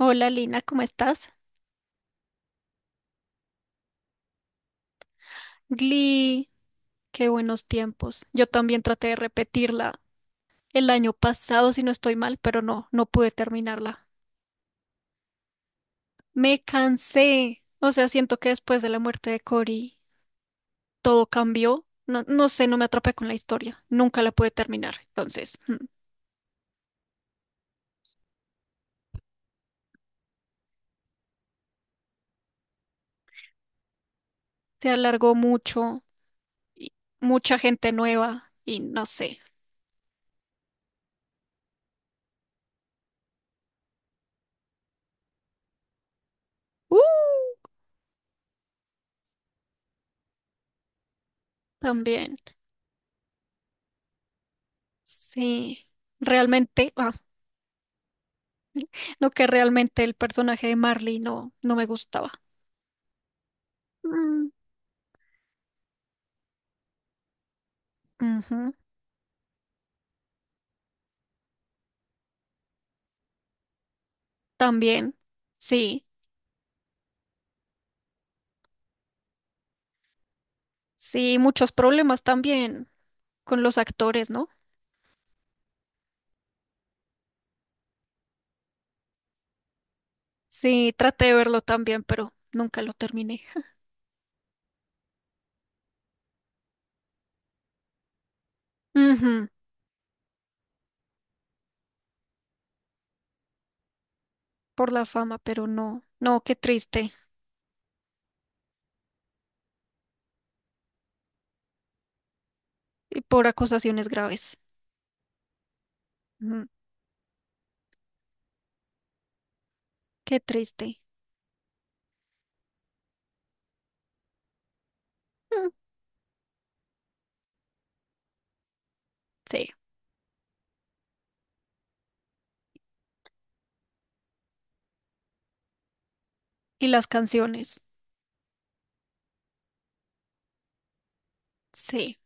Hola Lina, ¿cómo estás? Glee, qué buenos tiempos. Yo también traté de repetirla el año pasado, si no estoy mal, pero no pude terminarla. Me cansé. O sea, siento que después de la muerte de Cory todo cambió. No, no sé, no me atrapé con la historia. Nunca la pude terminar. Entonces, se alargó mucho y mucha gente nueva y no sé. ¡Uh! También. Sí. Realmente, no que realmente el personaje de Marley no me gustaba. Mm. Ujú. También, sí, sí, muchos problemas también con los actores, ¿no? Sí, traté de verlo también, pero nunca lo terminé. Ujú. Por la fama, pero no, qué triste. Y por acusaciones graves. Ujú. Qué triste. Mm. Sí, y las canciones, sí.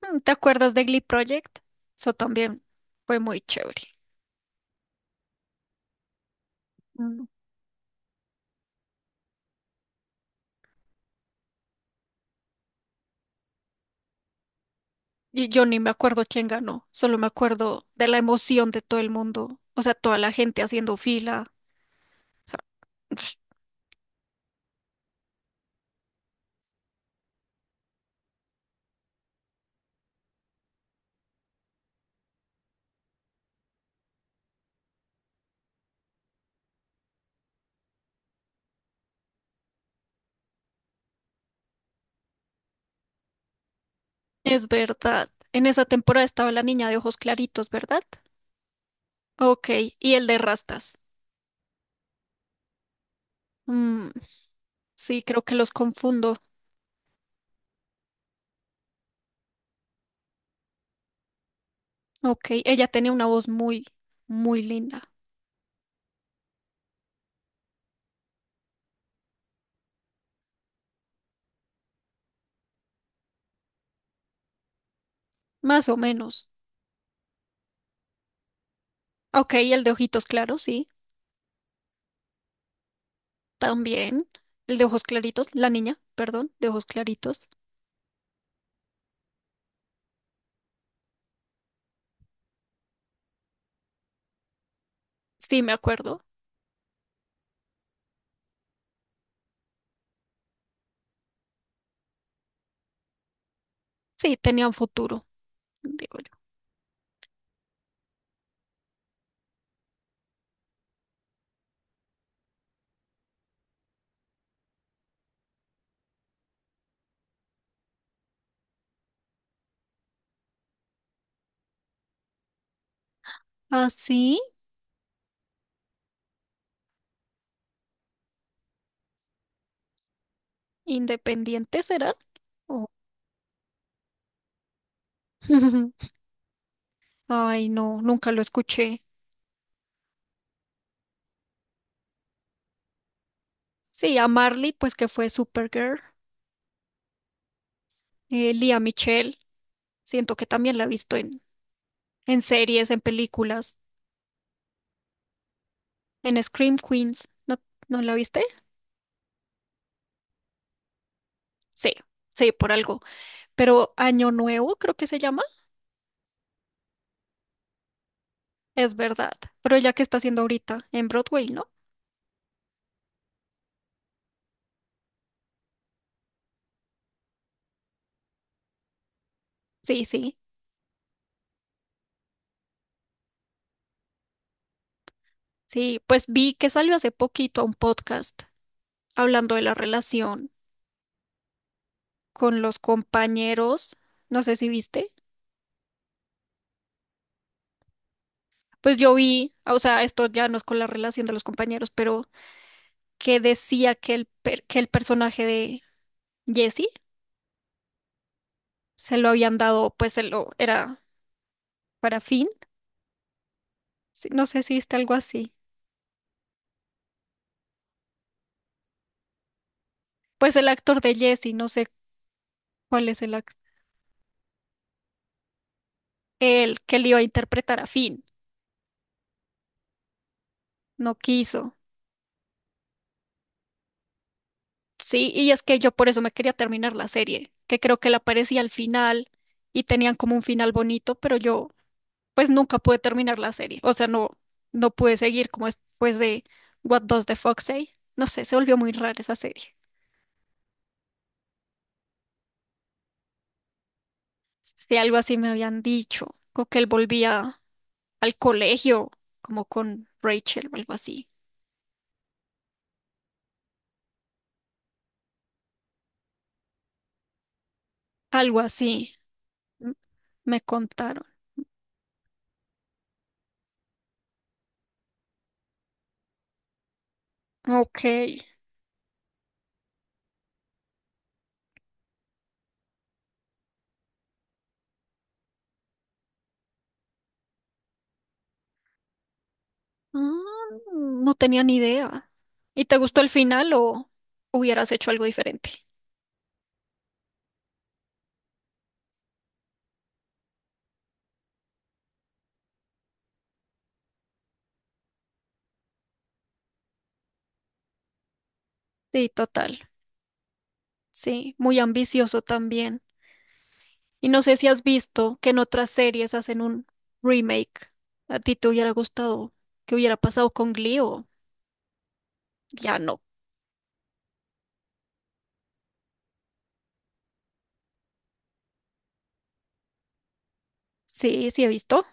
Mm, ¿te acuerdas de Glee Project? Eso también fue muy chévere. Y yo ni me acuerdo quién ganó, solo me acuerdo de la emoción de todo el mundo, o sea, toda la gente haciendo fila. O sea, es verdad. En esa temporada estaba la niña de ojos claritos, ¿verdad? Ok, y el de rastas. Mm, sí, creo que los confundo. Ok, ella tenía una voz muy, muy linda, más o menos. Ok, y el de ojitos claros, sí, también. El de ojos claritos, la niña, perdón, de ojos claritos. Sí, me acuerdo. Sí, tenía un futuro, digo yo. ¿Ah, sí? ¿Independientes será? O- Ay, no, nunca lo escuché. Sí, a Marley, pues que fue Supergirl. Lea Michele, siento que también la he visto en series, en películas, en Scream Queens. ¿No, no la viste? Sí, sí, por algo. Pero Año Nuevo, creo que se llama. Es verdad. Pero ella que está haciendo ahorita en Broadway, ¿no? Sí, sí, sí. Pues vi que salió hace poquito a un podcast hablando de la relación con los compañeros. No sé si viste. Pues yo vi, o sea, esto ya no es con la relación de los compañeros, pero que decía que el, per- que el personaje de Jesse se lo habían dado, pues se lo era para Finn. Sí, no sé si está algo así. Pues el actor de Jesse, no sé cuál es el actor, el que le iba a interpretar a Finn, no quiso. Sí, y es que yo por eso me quería terminar la serie, que creo que la aparecía al final y tenían como un final bonito, pero yo pues nunca pude terminar la serie. O sea, no pude seguir como después de What Does the Fox Say. No sé, se volvió muy rara esa serie. Si algo así me habían dicho, como que él volvía al colegio, como con Rachel o algo así. Algo así m- me contaron. Ok. Ah, no tenía ni idea. ¿Y te gustó el final o hubieras hecho algo diferente? Sí, total. Sí, muy ambicioso también. Y no sé si has visto que en otras series hacen un remake. ¿A ti te hubiera gustado que hubiera pasado con Glee o ya no? Sí, sí he visto.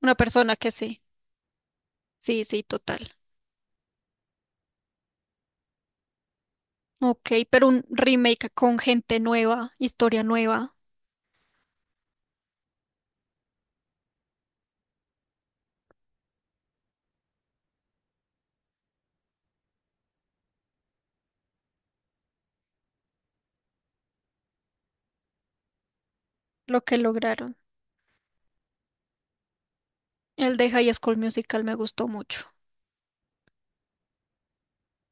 Una persona que sí. Sí, sí, total. Ok, pero un remake con gente nueva, historia nueva, lo que lograron. El de High School Musical me gustó mucho,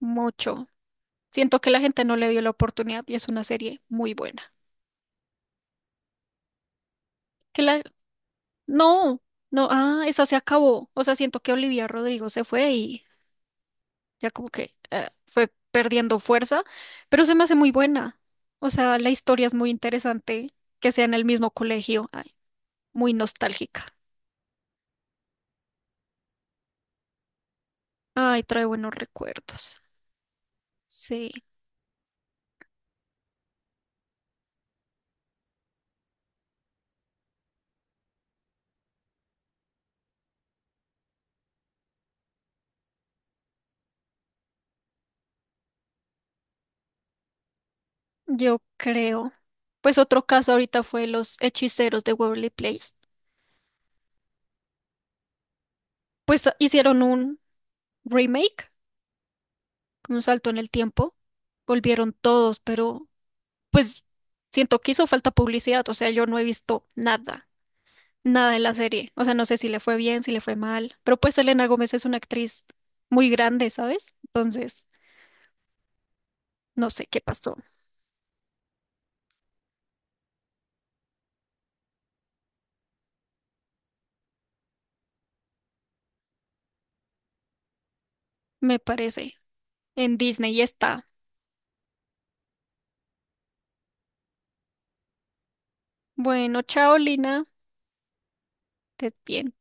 mucho. Siento que la gente no le dio la oportunidad y es una serie muy buena. Que la... No, no, esa se acabó. O sea, siento que Olivia Rodrigo se fue y ya como que fue perdiendo fuerza, pero se me hace muy buena. O sea, la historia es muy interesante, que sea en el mismo colegio, ay, muy nostálgica. Ay, trae buenos recuerdos. Sí, yo creo. Pues otro caso ahorita fue Los Hechiceros de Waverly Place. Pues hicieron un remake, con un salto en el tiempo. Volvieron todos, pero pues siento que hizo falta publicidad, o sea, yo no he visto nada. Nada en la serie. O sea, no sé si le fue bien, si le fue mal, pero pues Selena Gómez es una actriz muy grande, ¿sabes? Entonces, no sé qué pasó, me parece. En Disney está. Bueno, chao, Lina. Estés bien.